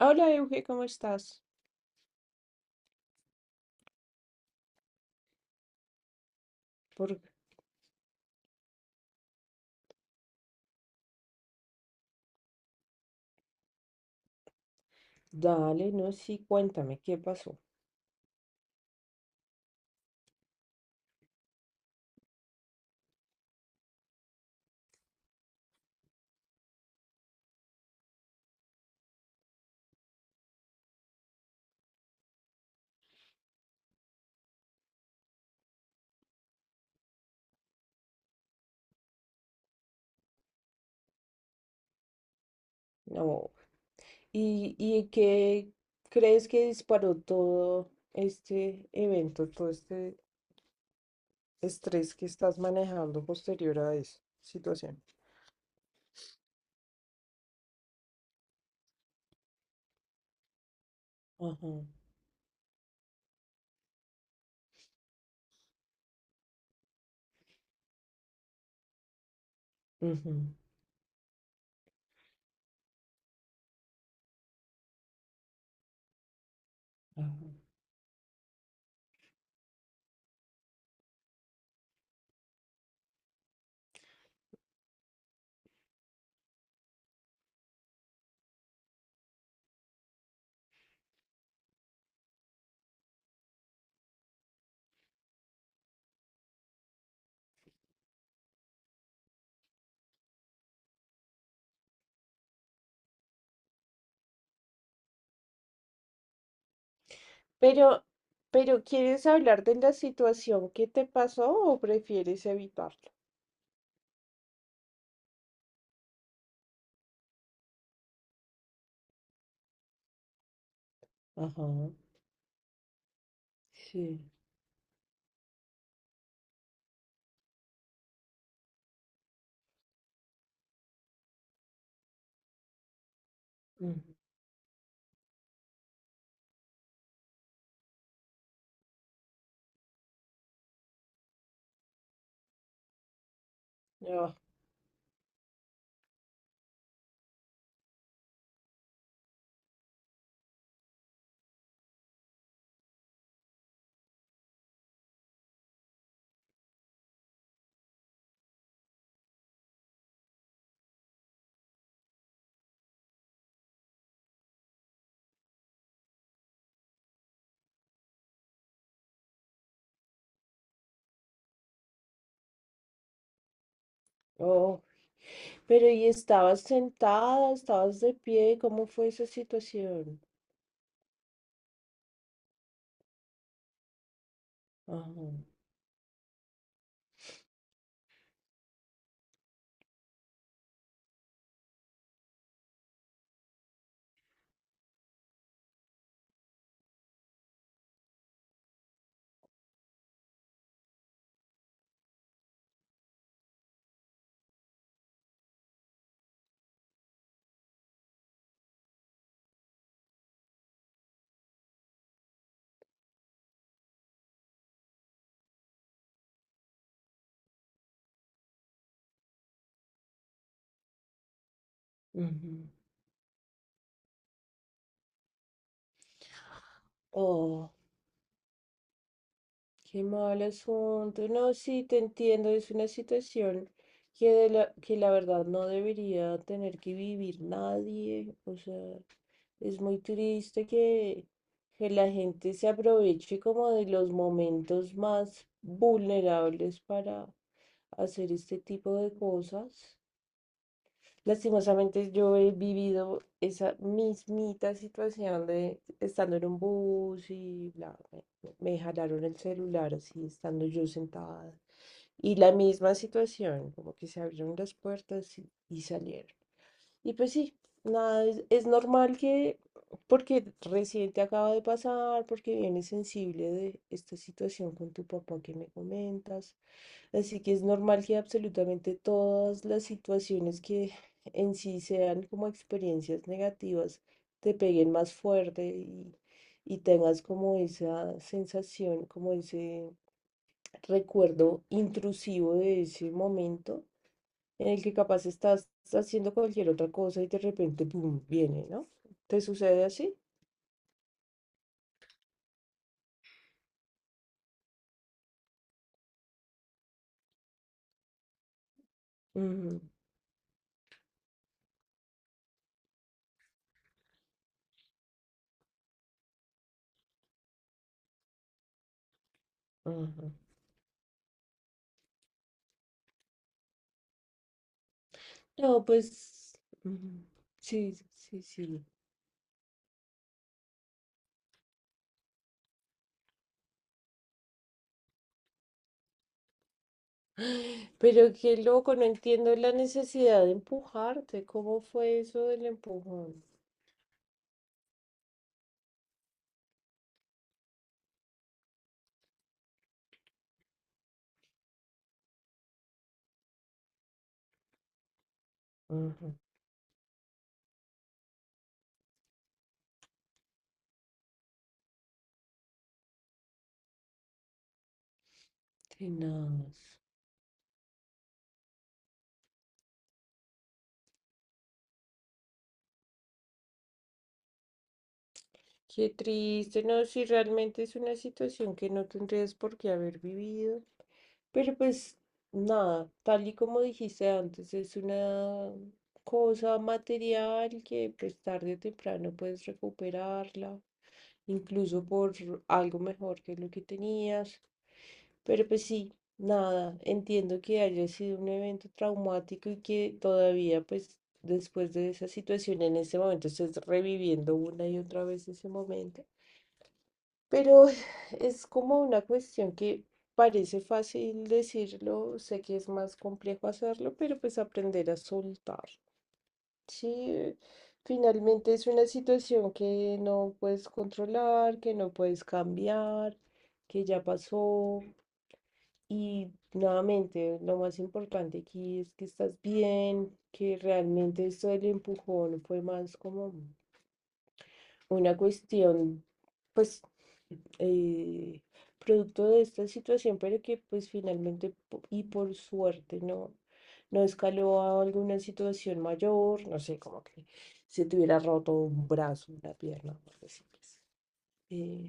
Hola, Euge, ¿cómo estás? Por... Dale, no, sí, cuéntame, ¿qué pasó? No, ¿y, qué crees que disparó todo este evento, todo este estrés que estás manejando posterior a esa situación? Ajá, ujú, ajá. Pero, ¿quieres hablar de la situación que te pasó o prefieres evitarlo? Ajá, sí. Ujú. Ah, pero ¿y estabas sentada, estabas de pie? ¿Cómo fue esa situación? Ajá. Ujú. Oh, qué mal asunto. No, sí, te entiendo. Es una situación que, que la verdad no debería tener que vivir nadie. O sea, es muy triste que, la gente se aproveche como de los momentos más vulnerables para hacer este tipo de cosas. Lastimosamente yo he vivido esa mismita situación de estando en un bus y bla, me jalaron el celular así, estando yo sentada. Y la misma situación, como que se abrieron las puertas y salieron. Y pues sí, nada, es normal que, porque recién te acaba de pasar, porque vienes sensible de esta situación con tu papá que me comentas. Así que es normal que absolutamente todas las situaciones que en sí sean como experiencias negativas te peguen más fuerte y tengas como esa sensación, como ese recuerdo intrusivo de ese momento en el que capaz estás haciendo cualquier otra cosa y de repente, ¡pum!, viene, ¿no? ¿Te sucede así? Ujú, ujú. No, pues ujú, sí, sí, sí. Pero qué loco, no entiendo la necesidad de empujarte. ¿Cómo fue eso del empujón? Ujú. Tenaz. Qué triste, no, si realmente es una situación que no tendrías por qué haber vivido. Pero pues nada, tal y como dijiste antes, es una cosa material que pues tarde o temprano puedes recuperarla. Incluso por algo mejor que lo que tenías. Pero pues sí, nada, entiendo que haya sido un evento traumático y que todavía pues después de esa situación en ese momento estés reviviendo una y otra vez ese momento. Pero es como una cuestión que parece fácil decirlo, sé que es más complejo hacerlo, pero pues aprender a soltar. Sí, finalmente es una situación que no puedes controlar, que no puedes cambiar, que ya pasó. Y nuevamente, lo más importante aquí es que estás bien, que realmente esto del empujón fue más como una cuestión, pues, eh, producto de esta situación, pero que pues finalmente y por suerte no, no escaló a alguna situación mayor, no sé, como que se te hubiera roto un brazo, una pierna, o algo así, pues. Eh,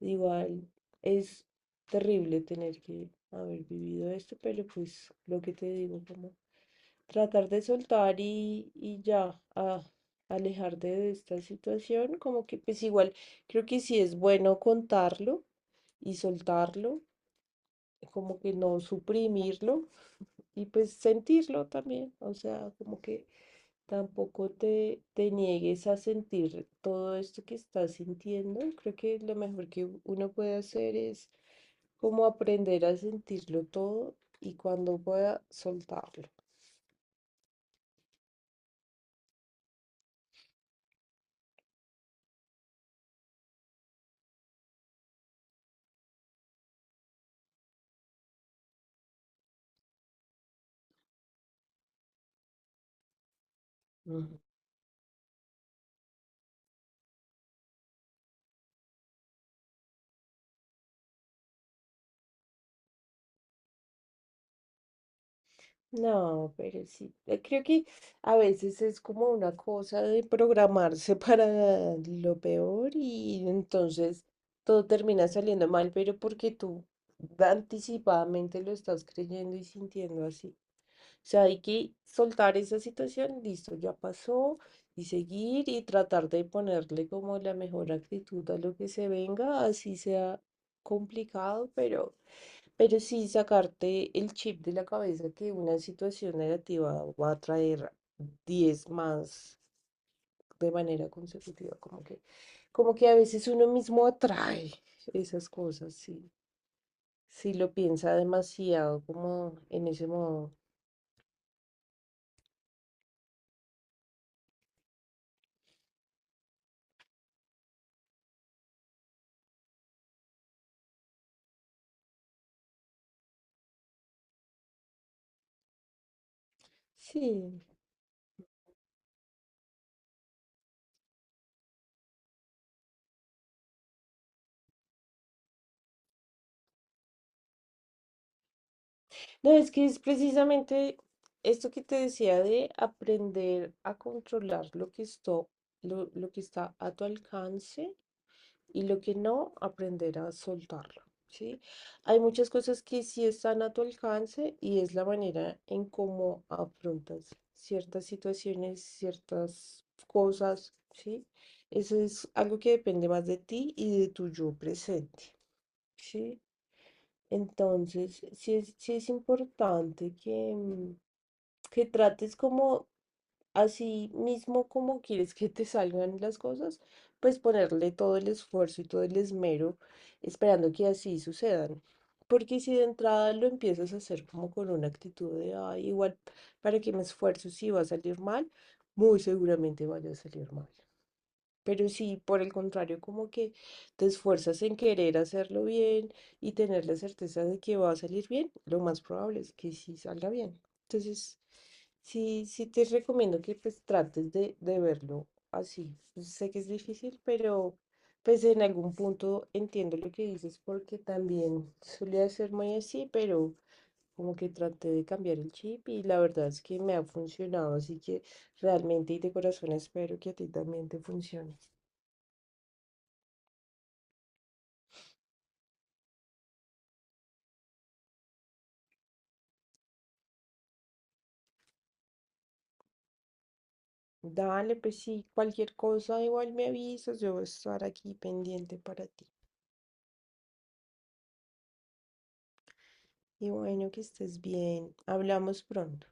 igual es terrible tener que haber vivido esto, pero pues lo que te digo, como tratar de soltar y ya, a alejar de esta situación, como que pues igual creo que sí es bueno contarlo y soltarlo, como que no suprimirlo y pues sentirlo también, o sea, como que tampoco te, te niegues a sentir todo esto que estás sintiendo, creo que lo mejor que uno puede hacer es como aprender a sentirlo todo y cuando pueda soltarlo. Ujú. No, pero sí, creo que a veces es como una cosa de programarse para lo peor y entonces todo termina saliendo mal, pero porque tú anticipadamente lo estás creyendo y sintiendo así. O sea, hay que soltar esa situación, listo, ya pasó, y seguir y tratar de ponerle como la mejor actitud a lo que se venga, así sea complicado, pero, sí sacarte el chip de la cabeza que una situación negativa va a traer 10 más de manera consecutiva, como que a veces uno mismo atrae esas cosas, sí, si lo piensa demasiado como en ese modo. Sí. No, es que es precisamente esto que te decía de aprender a controlar lo que lo que está a tu alcance y lo que no, aprender a soltarlo, ¿sí? Hay muchas cosas que sí están a tu alcance y es la manera en cómo afrontas ciertas situaciones, ciertas cosas, ¿sí? Eso es algo que depende más de ti y de tu yo presente, ¿sí? Entonces, sí es importante que, que trates como así mismo como quieres que te salgan las cosas, pues ponerle todo el esfuerzo y todo el esmero esperando que así sucedan. Porque si de entrada lo empiezas a hacer como con una actitud de, "Ay, igual, ¿para que me esfuerzo si va a salir mal? Muy seguramente vaya a salir mal." Pero si por el contrario como que te esfuerzas en querer hacerlo bien y tener la certeza de que va a salir bien, lo más probable es que sí salga bien. Entonces, sí, sí te recomiendo que pues trates de verlo así. Sé que es difícil, pero pues en algún punto entiendo lo que dices porque también solía ser muy así, pero como que traté de cambiar el chip y la verdad es que me ha funcionado, así que realmente y de corazón espero que a ti también te funcione. Dale, pues sí, cualquier cosa igual me avisas, yo voy a estar aquí pendiente para ti. Y bueno, que estés bien. Hablamos pronto.